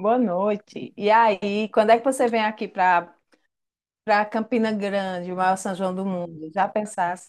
Boa noite. E aí, quando é que você vem aqui para Campina Grande, o maior São João do mundo? Já pensasse?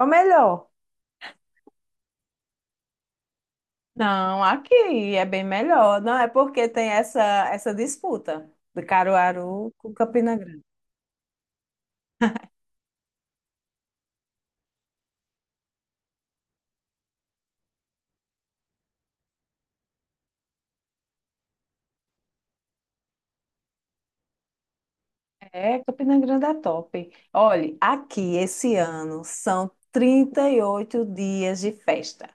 Ou melhor? Não, aqui é bem melhor. Não é porque tem essa disputa de Caruaru com Campina Grande. É, Campina Grande é top. Olhe, aqui esse ano são 38 dias de festa.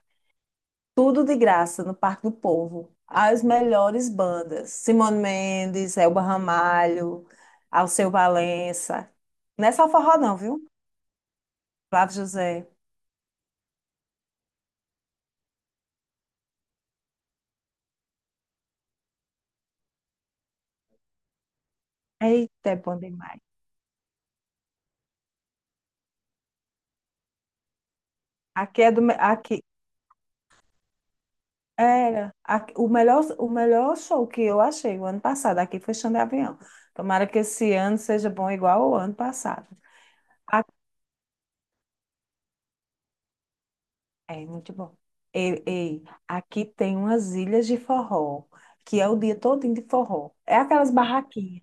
Tudo de graça no Parque do Povo. As melhores bandas. Simone Mendes, Elba Ramalho, Alceu Valença. Não é só forró, não, viu? Flávio José. Eita, é bom demais. Aqui é do. Me- Aqui o melhor show que eu achei o ano passado aqui foi Xande Avião. Tomara que esse ano seja bom igual o ano passado. A- É muito bom. Ei, aqui tem umas ilhas de forró, que é o dia todo de forró. É aquelas barraquinhas.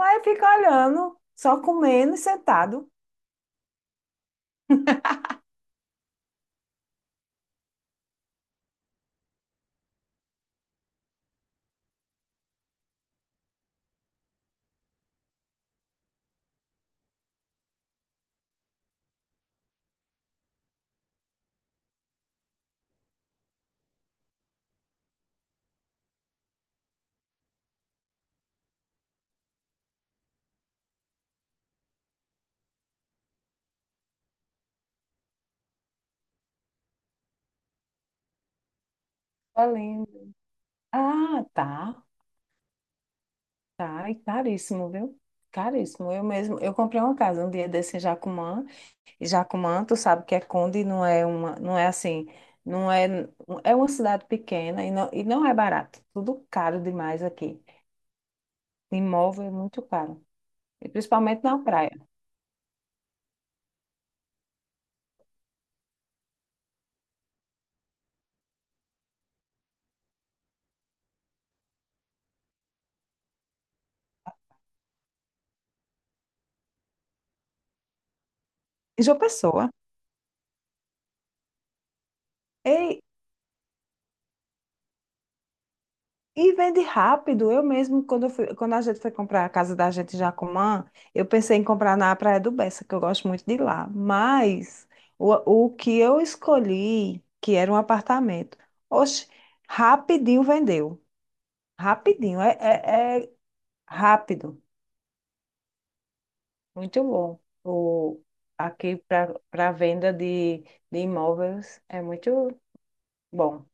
Aí fica olhando, só comendo e sentado. Valendo. Ah, tá. Tá, e caríssimo, viu? Caríssimo. Eu mesmo, eu comprei uma casa um dia desse em Jacumã, e Jacumã, tu sabe que é Conde, não é uma, não é assim, não é, é uma cidade pequena e não é barato. Tudo caro demais aqui. Imóvel é muito caro, e principalmente na praia. E João Pessoa. Ei, e vende rápido. Eu mesmo, quando, eu fui- Quando a gente foi comprar a casa da gente em Jacumã, eu pensei em comprar na Praia do Bessa, que eu gosto muito de lá. Mas o, o que eu escolhi, que era um apartamento, oxe, rapidinho vendeu. Rapidinho, é, é rápido. Muito bom. O, aqui para venda de imóveis é muito bom.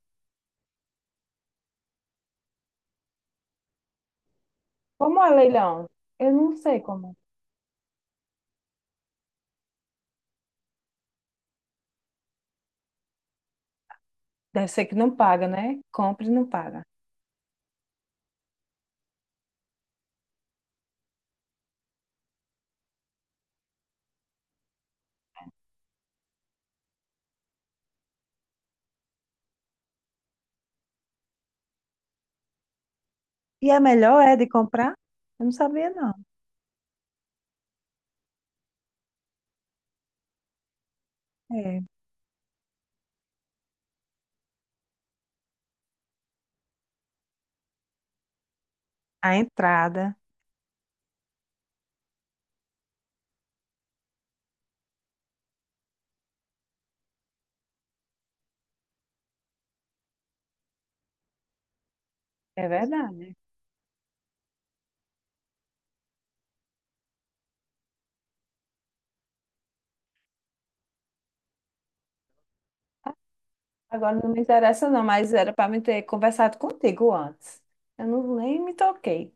Como é leilão? Eu não sei como. Deve ser que não paga, né? Compra e não paga. E a melhor é de comprar? Eu não sabia, não. É. A entrada. É verdade. Agora não me interessa não, mas era para me ter conversado contigo antes. Eu não nem me toquei.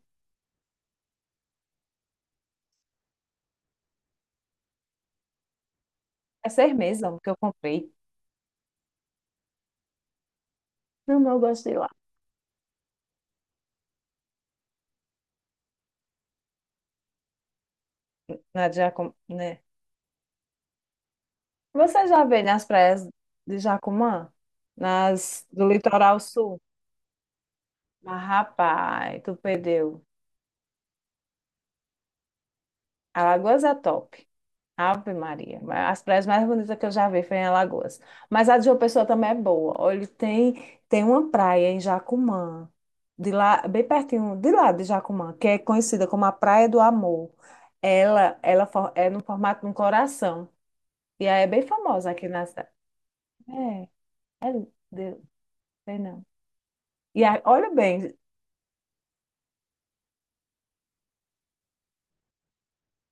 É 6 meses, que eu comprei. Não, mas eu gosto de ir lá. Na de Jacum... né? Você já veio nas praias de Jacumã? Nas do litoral sul? Mas, rapaz, tu perdeu. Alagoas é top. Ave Maria. As praias mais bonitas que eu já vi foi em Alagoas. Mas a de João Pessoa também é boa. Olha, tem uma praia em Jacumã, de lá, bem pertinho, de lá de Jacumã, que é conhecida como a Praia do Amor. É no formato de um coração. E aí é bem famosa aqui na cidade. É, é, de- Sei não. E olha bem,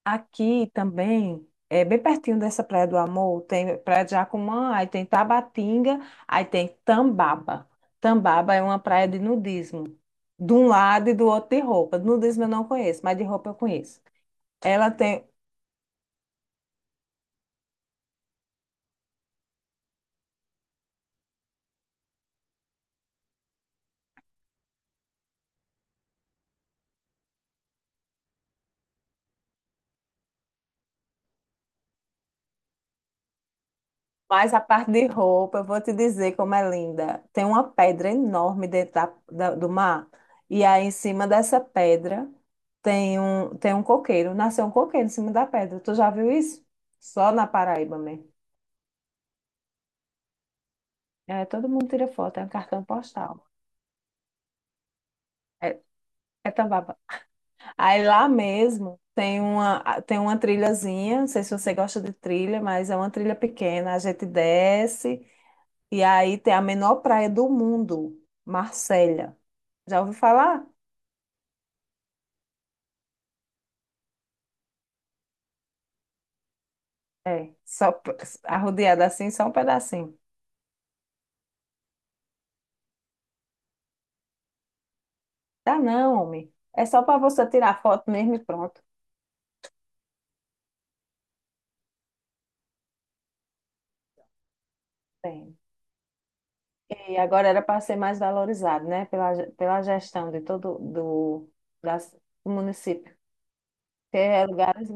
aqui também, é bem pertinho dessa Praia do Amor, tem Praia de Jacumã, aí tem Tabatinga, aí tem Tambaba. Tambaba é uma praia de nudismo, de um lado e do outro de roupa. Nudismo eu não conheço, mas de roupa eu conheço. Ela tem, mas a parte de roupa, eu vou te dizer como é linda. Tem uma pedra enorme dentro do mar, e aí em cima dessa pedra tem um coqueiro, nasceu um coqueiro em cima da pedra. Tu já viu isso? Só na Paraíba mesmo. É, todo mundo tira foto, é um cartão postal. É, é Tambaba. Aí lá mesmo tem uma trilhazinha, não sei se você gosta de trilha, mas é uma trilha pequena. A gente desce e aí tem a menor praia do mundo, Marselha. Já ouviu falar? É, só p- Arrodeada assim, só um pedacinho. Tá não, homem. É só para você tirar foto mesmo e pronto. Tem. E agora era para ser mais valorizado, né? Pela gestão de todo das, do município. Tem lugares.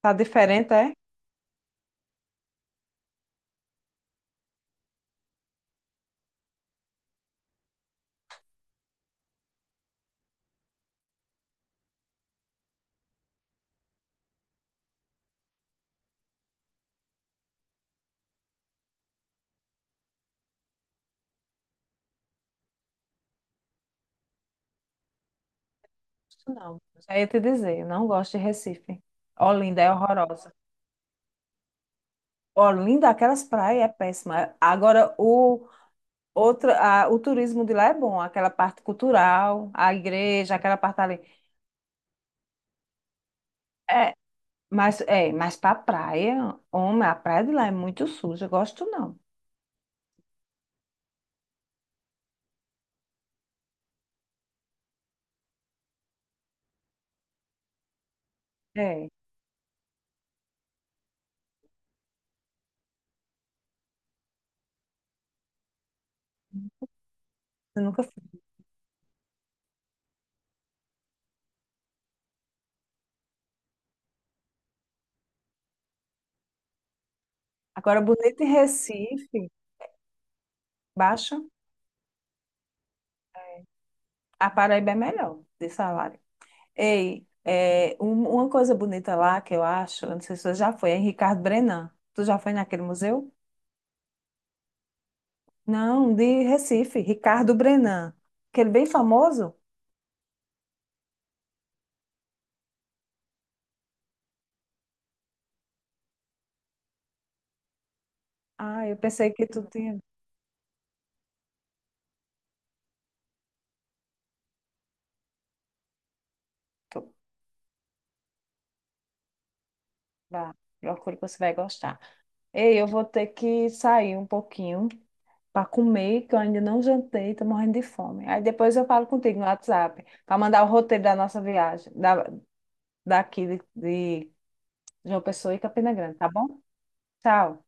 Tá diferente, é? Não, já ia te dizer, eu não gosto de Recife. Olinda é horrorosa. Olinda, aquelas praias é péssima. Agora, o turismo de lá é bom, aquela parte cultural, a igreja, aquela parte ali. É, é, mas pra praia, homem, a praia de lá é muito suja, eu gosto não. É, eu nunca fui. Agora, bonito em Recife, baixa, a Paraíba é melhor de salário. Ei, é, uma coisa bonita lá que eu acho, eu não sei se você já foi, é em Ricardo Brenan. Tu já foi naquele museu? Não, de Recife, Ricardo Brenan. Aquele bem famoso? Ah, eu pensei que tu tinha. Tu- Vá, procura que você vai gostar. Ei, eu vou ter que sair um pouquinho para comer, que eu ainda não jantei, tô morrendo de fome. Aí depois eu falo contigo no WhatsApp, para mandar o roteiro da nossa viagem, daqui de João Pessoa e Campina Grande, tá bom? Tchau.